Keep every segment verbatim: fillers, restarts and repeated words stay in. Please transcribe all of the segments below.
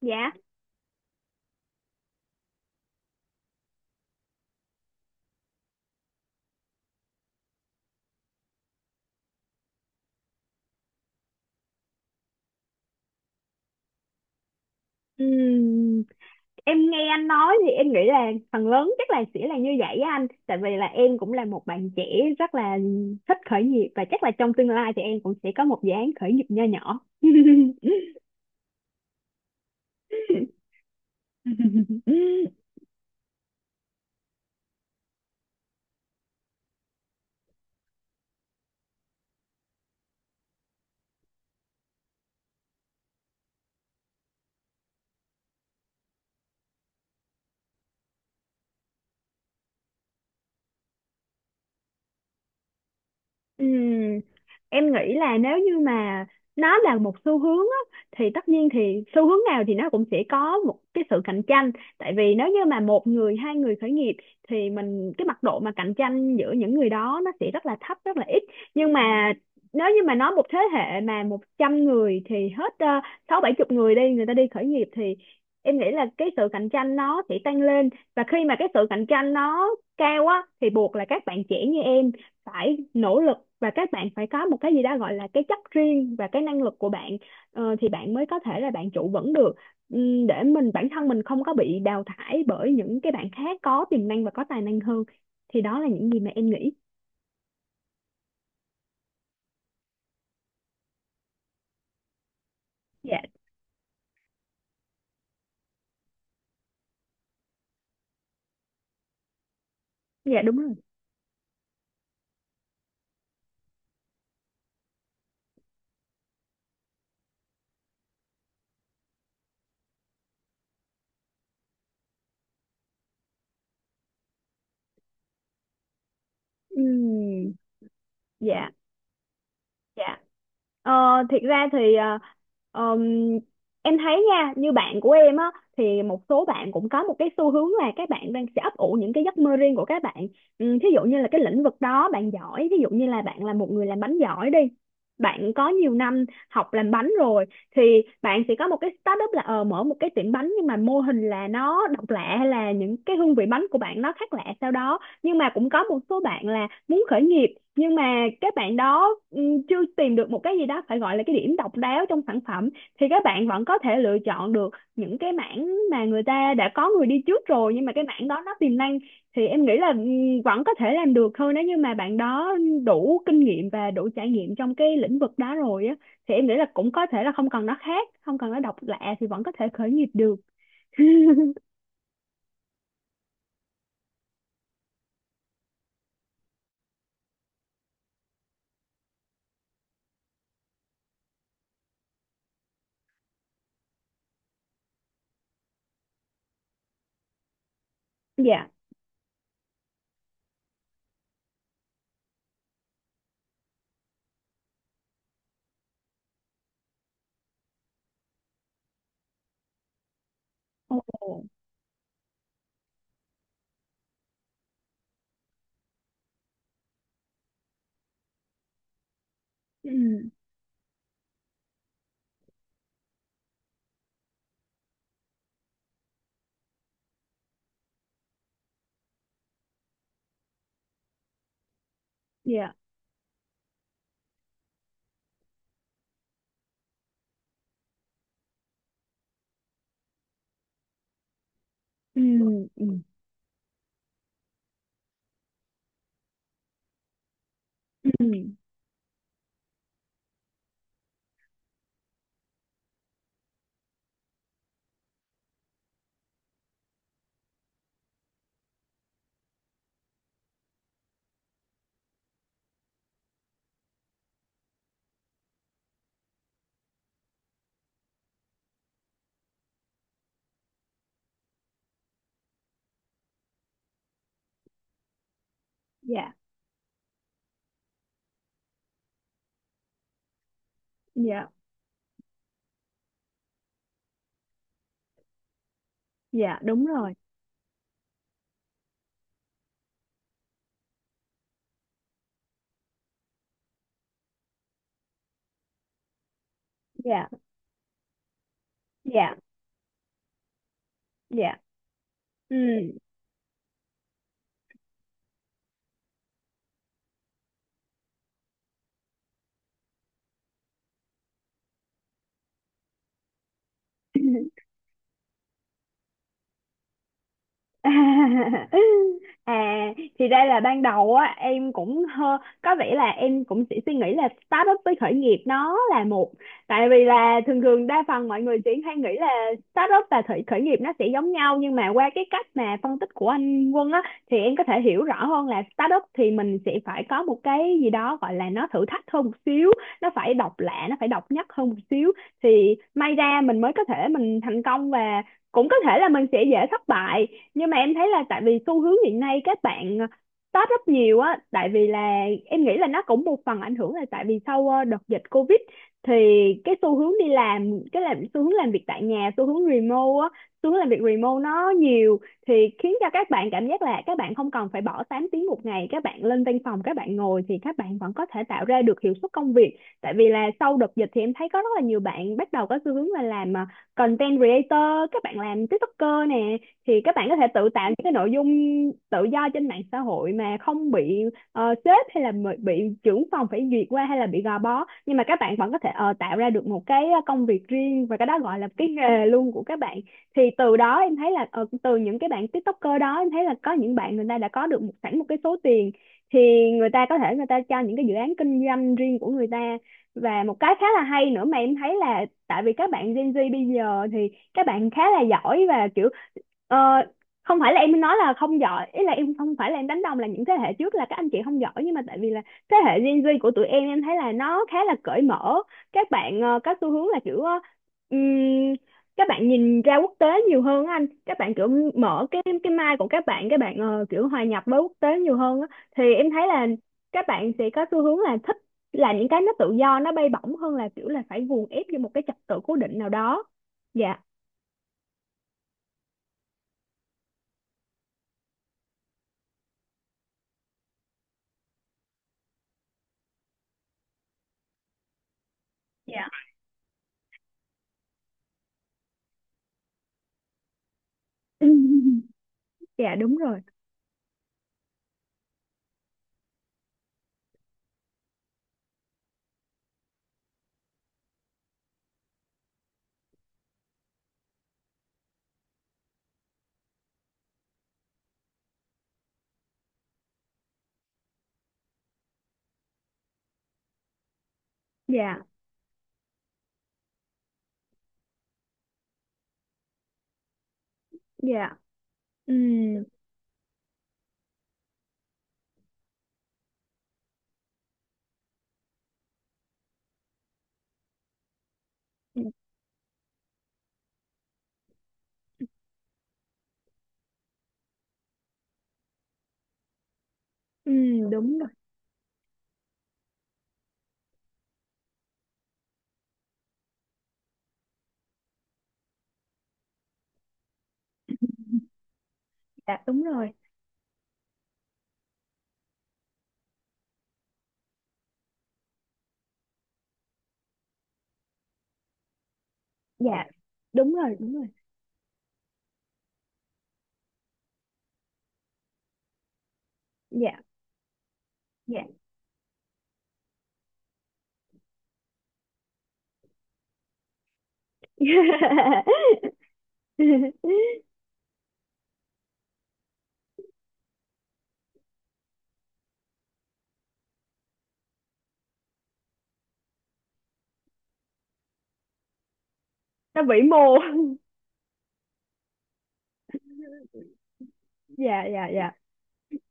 Dạ. Ừm, em nghe anh nói thì em nghĩ là phần lớn chắc là sẽ là như vậy á anh. Tại vì là em cũng là một bạn trẻ rất là thích khởi nghiệp và chắc là trong tương lai thì em cũng sẽ có một dự án khởi nghiệp nho nhỏ. Ừm, em nghĩ là nếu như mà nó là một xu hướng á, thì tất nhiên thì xu hướng nào thì nó cũng sẽ có một cái sự cạnh tranh. Tại vì nếu như mà một người hai người khởi nghiệp thì mình cái mặt độ mà cạnh tranh giữa những người đó nó sẽ rất là thấp rất là ít. Nhưng mà nếu như mà nói một thế hệ mà một trăm người thì hết ờ, sáu bảy chục người đi, người ta đi khởi nghiệp thì em nghĩ là cái sự cạnh tranh nó sẽ tăng lên. Và khi mà cái sự cạnh tranh nó cao á thì buộc là các bạn trẻ như em phải nỗ lực, và các bạn phải có một cái gì đó gọi là cái chất riêng và cái năng lực của bạn ờ, thì bạn mới có thể là bạn trụ vững được, để mình bản thân mình không có bị đào thải bởi những cái bạn khác có tiềm năng và có tài năng hơn. Thì đó là những gì mà em nghĩ. Dạ. Dạ, đúng rồi. Ừm. Dạ. Dạ. Ờ, thiệt ra thì ờ, ờm, em thấy nha, như bạn của em á, thì một số bạn cũng có một cái xu hướng là các bạn đang sẽ ấp ủ những cái giấc mơ riêng của các bạn. Ừ, thí dụ như là cái lĩnh vực đó bạn giỏi, ví dụ như là bạn là một người làm bánh giỏi đi. Bạn có nhiều năm học làm bánh rồi thì bạn sẽ có một cái startup là ờ, mở một cái tiệm bánh, nhưng mà mô hình là nó độc lạ hay là những cái hương vị bánh của bạn nó khác lạ sau đó. Nhưng mà cũng có một số bạn là muốn khởi nghiệp nhưng mà các bạn đó ừm, chưa tìm được một cái gì đó phải gọi là cái điểm độc đáo trong sản phẩm, thì các bạn vẫn có thể lựa chọn được những cái mảng mà người ta đã có người đi trước rồi, nhưng mà cái mảng đó nó tiềm năng thì em nghĩ là ừm, vẫn có thể làm được thôi, nếu như mà bạn đó đủ kinh nghiệm và đủ trải nghiệm trong cái lĩnh vực đó rồi á, thì em nghĩ là cũng có thể là không cần nó khác, không cần nó độc lạ thì vẫn có thể khởi nghiệp được. Dạ. Ồ. Ừ. Dạ. Ừ. Ừ. Ừ. Dạ. Dạ. Dạ, đúng rồi. Dạ. Dạ. Dạ. Ừ. À, thì ra là ban đầu á em cũng hơ có vẻ là em cũng chỉ suy nghĩ là start up với khởi nghiệp nó là một. Tại vì là thường thường đa phần mọi người chỉ hay nghĩ là start up và khởi khởi nghiệp nó sẽ giống nhau, nhưng mà qua cái cách mà phân tích của anh Quân á thì em có thể hiểu rõ hơn là start up thì mình sẽ phải có một cái gì đó gọi là nó thử thách hơn một xíu, nó phải độc lạ, nó phải độc nhất hơn một xíu, thì may ra mình mới có thể mình thành công, và cũng có thể là mình sẽ dễ thất bại. Nhưng mà em thấy là tại vì xu hướng hiện nay các bạn ờ, start up nhiều á, tại vì là em nghĩ là nó cũng một phần ảnh hưởng là tại vì sau ờ, đợt dịch Covid thì cái xu hướng đi làm cái làm xu hướng làm việc tại nhà, xu hướng remote á, xu hướng làm việc remote nó nhiều, thì khiến cho các bạn cảm giác là các bạn không cần phải bỏ tám tiếng một ngày các bạn lên văn phòng các bạn ngồi, thì các bạn vẫn có thể tạo ra được hiệu suất công việc. Tại vì là sau đợt dịch thì em thấy có rất là nhiều bạn bắt đầu có xu hướng là làm ờ, content creator, các bạn làm TikToker nè, thì các bạn có thể tự tạo những cái nội dung tự do trên mạng xã hội mà không bị ờ, sếp hay là bị bị trưởng phòng phải duyệt qua hay là bị gò bó, nhưng mà các bạn vẫn có thể ờ, tạo ra được một cái ờ, công việc riêng, và cái đó gọi là cái nghề luôn của các bạn. Thì từ đó em thấy là ờ, từ những cái bạn TikToker đó em thấy là có những bạn người ta đã có được một, sẵn một cái số tiền thì người ta có thể người ta cho những cái dự án kinh doanh riêng của người ta. Và một cái khá là hay nữa mà em thấy là tại vì các bạn Gen Z bây giờ thì các bạn khá là giỏi, và kiểu ờ, không phải là em nói là không giỏi, ý là em không phải là em đánh đồng là những thế hệ trước là các anh chị không giỏi, nhưng mà tại vì là thế hệ Gen Z của tụi em em thấy là nó khá là cởi mở. Các bạn ờ, có xu hướng là kiểu ờ, ừm, các bạn nhìn ra quốc tế nhiều hơn á anh, các bạn kiểu mở cái cái mind của các bạn, các bạn ờ, kiểu hòa nhập với quốc tế nhiều hơn á. Thì em thấy là các bạn sẽ có xu hướng là thích là những cái nó tự do nó bay bổng hơn là kiểu là phải guồng ép vô một cái trật tự cố định nào đó. Dạ. Dạ. Dạ, đúng rồi. Dạ. Dạ. Ừ. Ừ, đúng rồi. Dạ, đúng rồi. Dạ, đúng rồi. Đúng rồi. Dạ. Dạ. Nó vĩ mô. Dạ. Dạ. Dạ.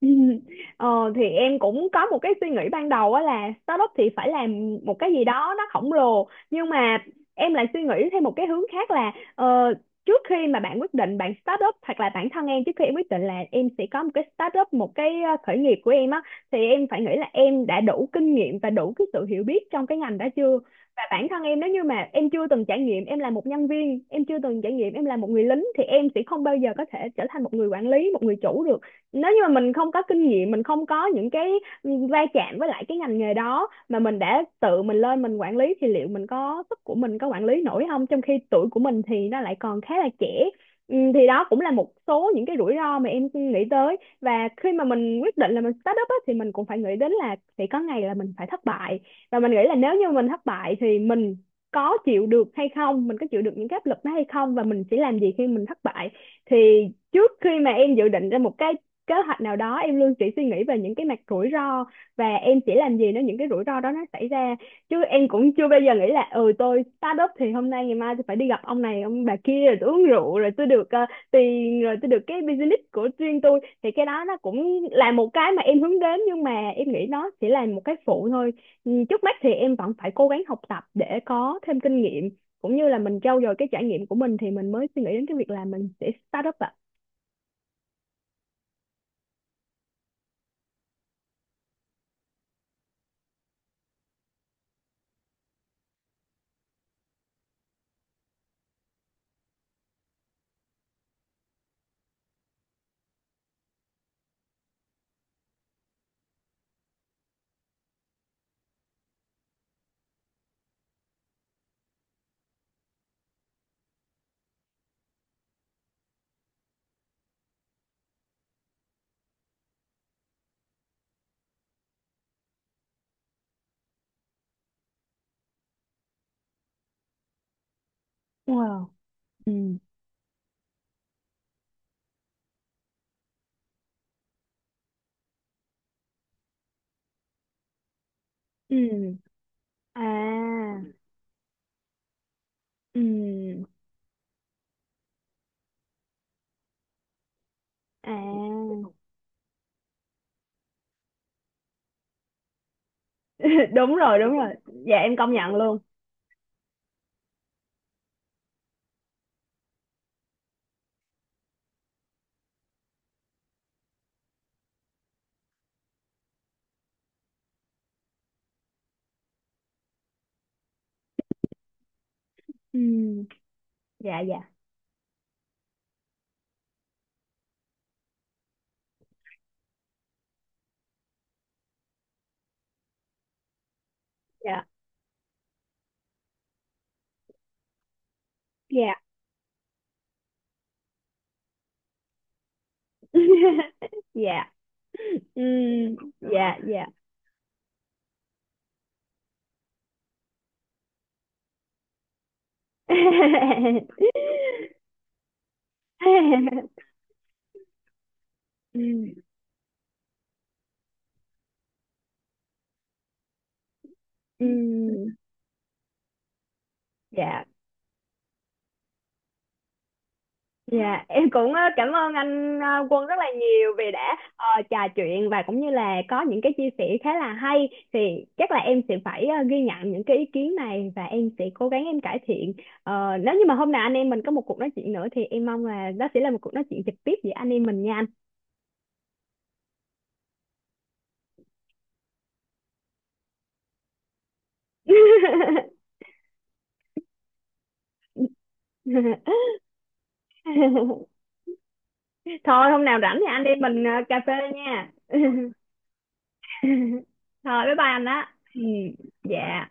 ờ, thì em cũng có một cái suy nghĩ ban đầu á là startup thì phải làm một cái gì đó nó khổng lồ, nhưng mà em lại suy nghĩ theo một cái hướng khác là ờ, trước khi mà bạn quyết định bạn startup, hoặc là bản thân em trước khi em quyết định là em sẽ có một cái startup một cái ờ, khởi nghiệp của em á, thì em phải nghĩ là em đã đủ kinh nghiệm và đủ cái sự hiểu biết trong cái ngành đó chưa. Và bản thân em nếu như mà em chưa từng trải nghiệm em là một nhân viên, em chưa từng trải nghiệm em là một người lính thì em sẽ không bao giờ có thể trở thành một người quản lý, một người chủ được. Nếu như mà mình không có kinh nghiệm, mình không có những cái va chạm với lại cái ngành nghề đó mà mình đã tự mình lên mình quản lý thì liệu mình có sức của mình có quản lý nổi không, trong khi tuổi của mình thì nó lại còn khá là trẻ. Ừ, thì đó cũng là một số những cái rủi ro mà em nghĩ tới. Và khi mà mình quyết định là mình start up á, thì mình cũng phải nghĩ đến là sẽ có ngày là mình phải thất bại. Và mình nghĩ là nếu như mình thất bại thì mình có chịu được hay không, mình có chịu được những cái áp lực đó hay không, và mình sẽ làm gì khi mình thất bại. Thì trước khi mà em dự định ra một cái kế hoạch nào đó em luôn chỉ suy nghĩ về những cái mặt rủi ro và em sẽ làm gì nếu những cái rủi ro đó nó xảy ra. Chứ em cũng chưa bao giờ nghĩ là ừ tôi start up thì hôm nay ngày mai tôi phải đi gặp ông này ông bà kia rồi tôi uống rượu rồi tôi được ờ, tiền rồi tôi được cái business của riêng tôi, thì cái đó nó cũng là một cái mà em hướng đến, nhưng mà em nghĩ nó chỉ là một cái phụ thôi. Ừ, trước mắt thì em vẫn phải cố gắng học tập để có thêm kinh nghiệm, cũng như là mình trau dồi cái trải nghiệm của mình, thì mình mới suy nghĩ đến cái việc là mình sẽ start up ạ. Wow. Ừ. Ừ. À. Ừ. À. Đúng rồi, đúng rồi. Dạ, em công nhận luôn. Ừ. Dạ. Dạ. Dạ. Dạ. Dạ. Ừ. Dạ. Dạ. Ừ. Ừ. Dạ. Dạ, em cũng ờ, cảm ơn anh ờ, Quân rất là nhiều vì đã ờ, trò chuyện và cũng như là có những cái chia sẻ khá là hay, thì chắc là em sẽ phải ờ, ghi nhận những cái ý kiến này và em sẽ cố gắng em cải thiện. Ờ, nếu như mà hôm nào anh em mình có một cuộc nói chuyện nữa thì em mong là đó sẽ là một cuộc nói chuyện trực tiếp giữa anh em mình nha anh. Thôi hôm nào rảnh thì anh em mình ờ, cà phê nha. Thôi bye bye anh đó. Ừ. Dạ.